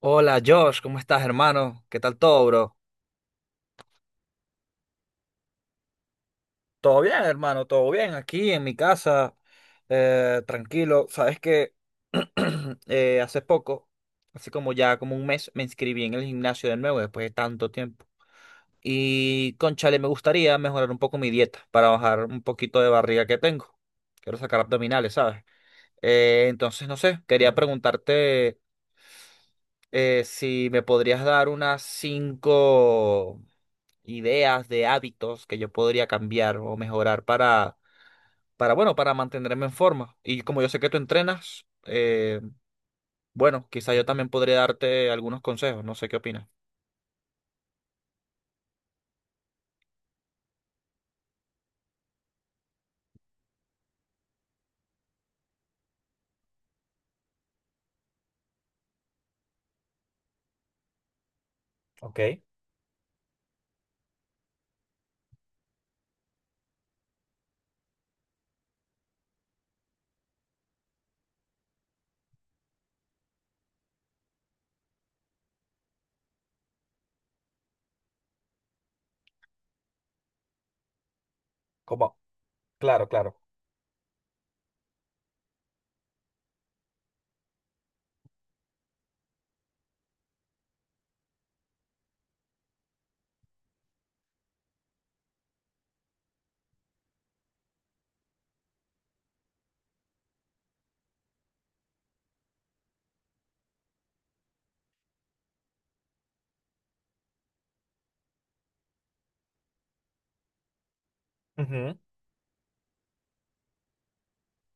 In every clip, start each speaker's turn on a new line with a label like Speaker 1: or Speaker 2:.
Speaker 1: Hola Josh, ¿cómo estás, hermano? ¿Qué tal todo, bro? Todo bien, hermano, todo bien. Aquí en mi casa, tranquilo. Sabes que hace poco, hace como ya como un mes, me inscribí en el gimnasio de nuevo después de tanto tiempo. Y cónchale, me gustaría mejorar un poco mi dieta para bajar un poquito de barriga que tengo. Quiero sacar abdominales, ¿sabes? Entonces, no sé, quería preguntarte si me podrías dar unas cinco. Ideas de hábitos que yo podría cambiar o mejorar para, bueno, para mantenerme en forma. Y como yo sé que tú entrenas, bueno, quizá yo también podría darte algunos consejos, no sé qué opinas. Ok, como, claro, claro. Ujú.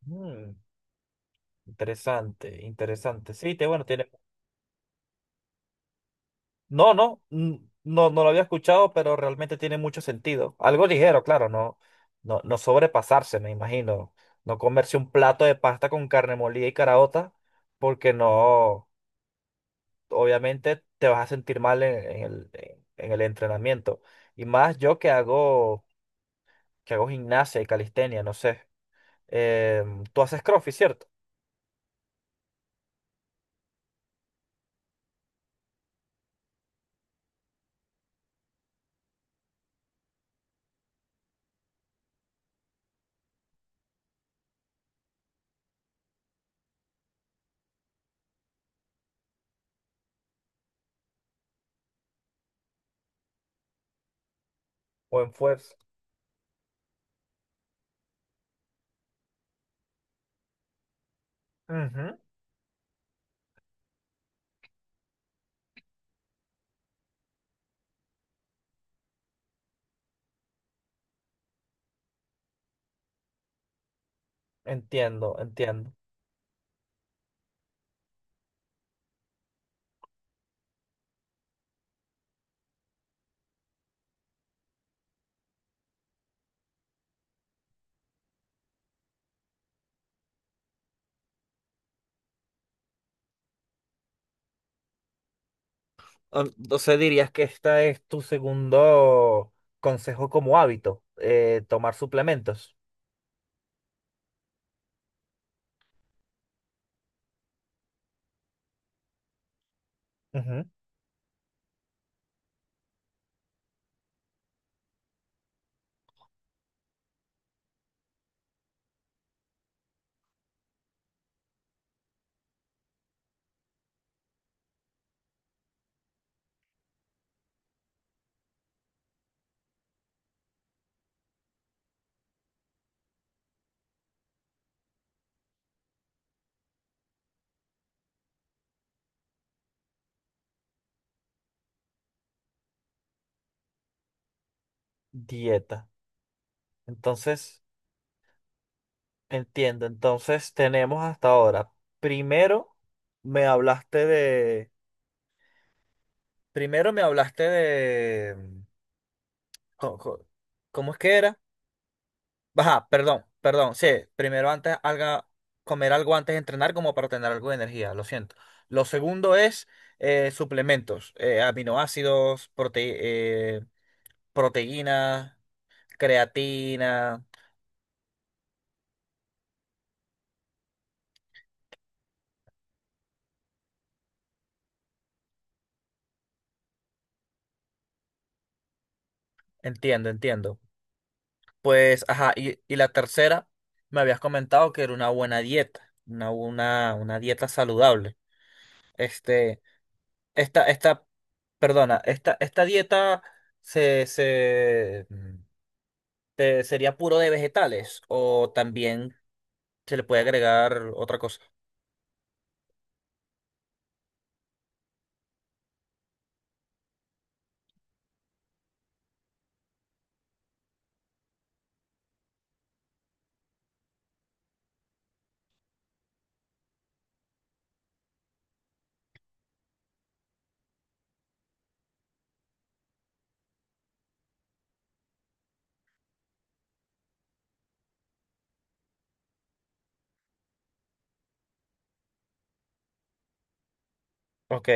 Speaker 1: Mm, interesante, interesante. Sí, te, bueno, tiene. No, no, no, no lo había escuchado, pero realmente tiene mucho sentido. Algo ligero, claro, no, no, no sobrepasarse, me imagino. No comerse un plato de pasta con carne molida y caraota, porque no, obviamente te vas a sentir mal en, en el entrenamiento. Y más yo que hago gimnasia y calistenia, no sé. Tú haces CrossFit, ¿cierto? O en fuerza. Ujú. Entiendo, entiendo. Entonces dirías que esta es tu segundo consejo como hábito, tomar suplementos. Ujú. Dieta. Entonces, entiendo. Entonces tenemos hasta ahora. Primero me hablaste de. Primero me hablaste de. Co- co- ¿Cómo es que era? Ajá, perdón, perdón. Sí, primero antes haga comer algo antes de entrenar como para tener algo de energía, lo siento. Lo segundo es suplementos, aminoácidos, proteína, creatina. Entiendo, entiendo. Pues, ajá, y la tercera, me habías comentado que era una buena dieta, una dieta saludable. Este, esta, esta, esta dieta se. ¿Sería puro de vegetales o también se le puede agregar otra cosa? Ok.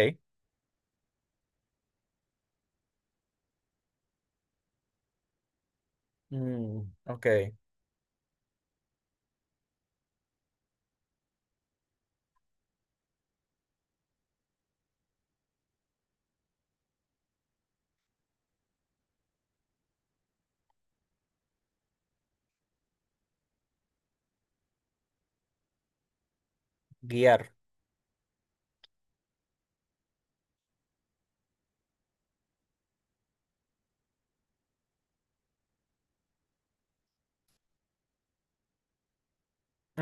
Speaker 1: Mm, ok. Guiar.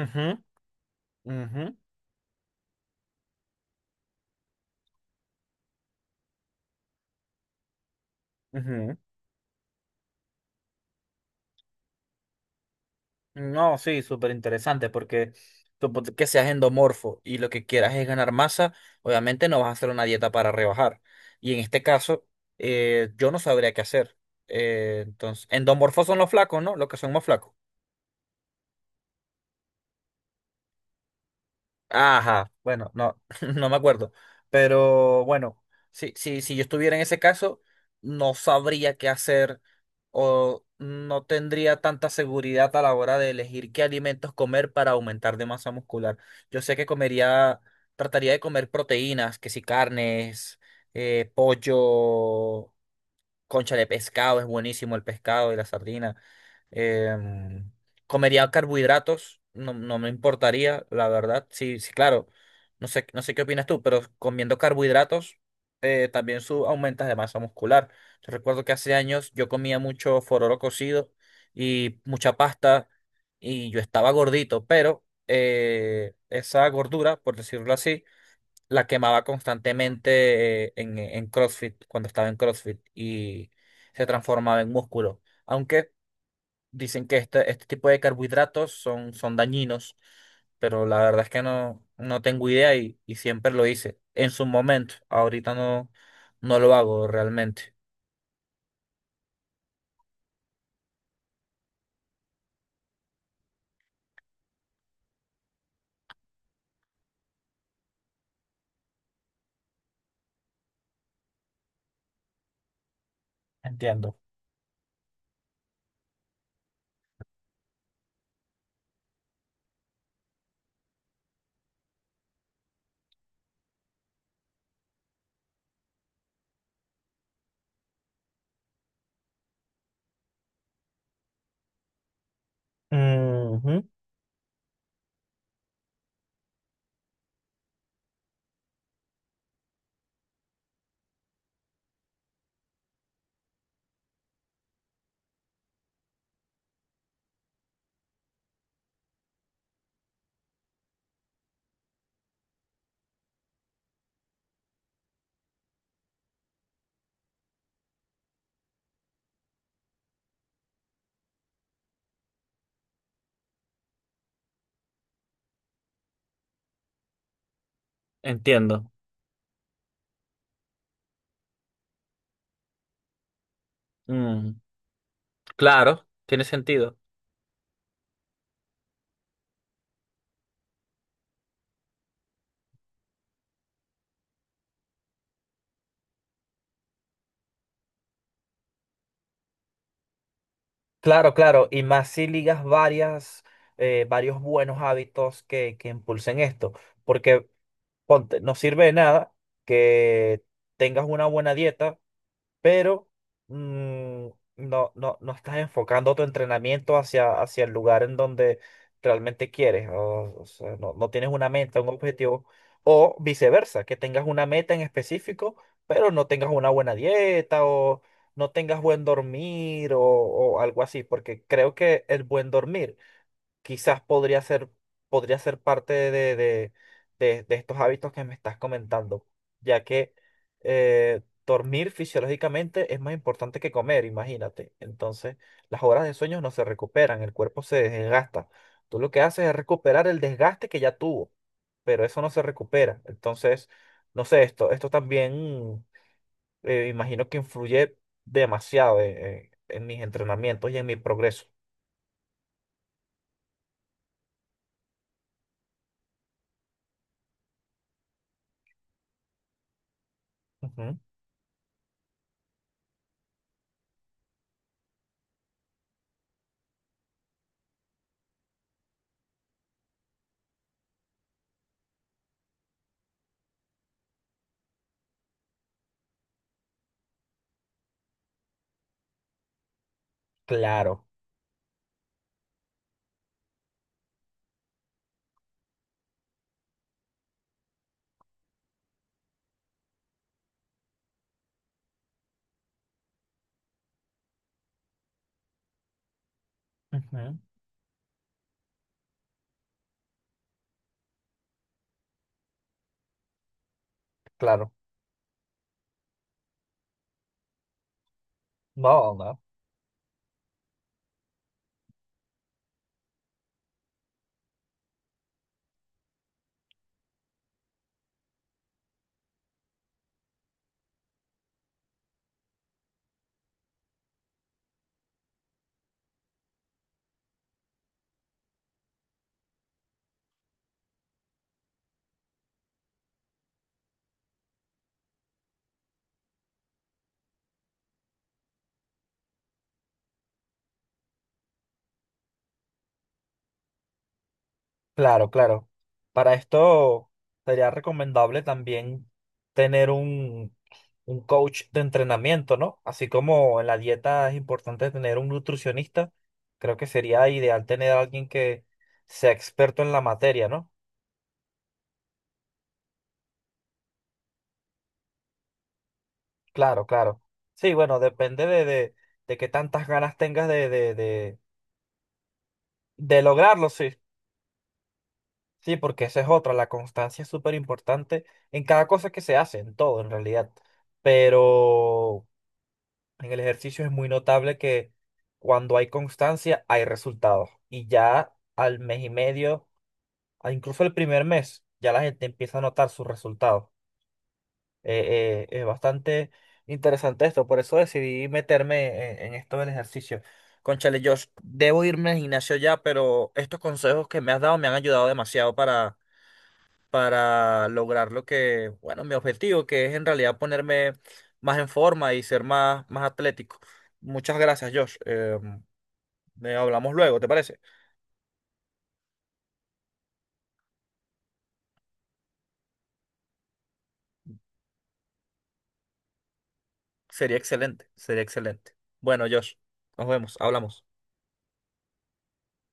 Speaker 1: Ujú, ujú, ujú. No, sí, súper interesante porque suponte que seas endomorfo y lo que quieras es ganar masa, obviamente no vas a hacer una dieta para rebajar. Y en este caso, yo no sabría qué hacer. Entonces, endomorfos son los flacos, ¿no? Los que son más flacos. Ajá, bueno, no, no me acuerdo. Pero bueno, si, si yo estuviera en ese caso, no sabría qué hacer o no tendría tanta seguridad a la hora de elegir qué alimentos comer para aumentar de masa muscular. Yo sé que comería, trataría de comer proteínas, que si carnes, pollo, concha de pescado, es buenísimo el pescado y la sardina. Em, Comería carbohidratos, no, no me importaría, la verdad. Sí, sí, claro. No sé, no sé qué opinas tú, pero comiendo carbohidratos también aumentas de masa muscular. Yo recuerdo que hace años yo comía mucho fororo cocido y mucha pasta y yo estaba gordito, pero esa gordura, por decirlo así, la quemaba constantemente en CrossFit, cuando estaba en CrossFit, y se transformaba en músculo. Aunque dicen que este tipo de carbohidratos son, son dañinos, pero la verdad es que no, no tengo idea y siempre lo hice en su momento. Ahorita no, no lo hago realmente. Entiendo. Ujú. Entiendo. Mm, claro, tiene sentido. Claro, claro, y más si ligas varias, varios buenos hábitos que impulsen esto, porque ponte, no sirve de nada que tengas una buena dieta pero mm, no, no, no estás enfocando tu entrenamiento hacia, hacia el lugar en donde realmente quieres, o sea, no, no tienes una meta, un objetivo, o viceversa, que tengas una meta en específico, pero no tengas una buena dieta o no tengas buen dormir o algo así, porque creo que el buen dormir quizás podría ser parte de, de- de estos hábitos que me estás comentando, ya que dormir fisiológicamente es más importante que comer, imagínate. Entonces, las horas de sueño no se recuperan, el cuerpo se desgasta. Tú lo que haces es recuperar el desgaste que ya tuvo, pero eso no se recupera. Entonces, no sé, esto también imagino que influye demasiado en mis entrenamientos y en mi progreso. Ujú. Claro. Ujú. Claro, no, no, claro, claro. Para esto sería recomendable también tener un coach de entrenamiento, ¿no? Así como en la dieta es importante tener un nutricionista, creo que sería ideal tener a alguien que sea experto en la materia, ¿no? Claro, claro. Sí, bueno, depende de qué tantas ganas tengas de lograrlo, sí. Sí, porque esa es otra, la constancia es súper importante en cada cosa que se hace, en todo en realidad. Pero en el ejercicio es muy notable que cuando hay constancia hay resultados. Y ya al mes y medio, a incluso el primer mes, ya la gente empieza a notar sus resultados. Es bastante interesante esto, por eso decidí meterme en esto del ejercicio. Cónchale, yo debo irme al gimnasio ya, pero estos consejos que me has dado me han ayudado demasiado para lograr lo que, bueno, mi objetivo, que es en realidad ponerme más en forma y ser más, más atlético. Muchas gracias, Josh. Hablamos luego, ¿te parece? Sería excelente, sería excelente. Bueno, Josh, nos vemos, hablamos.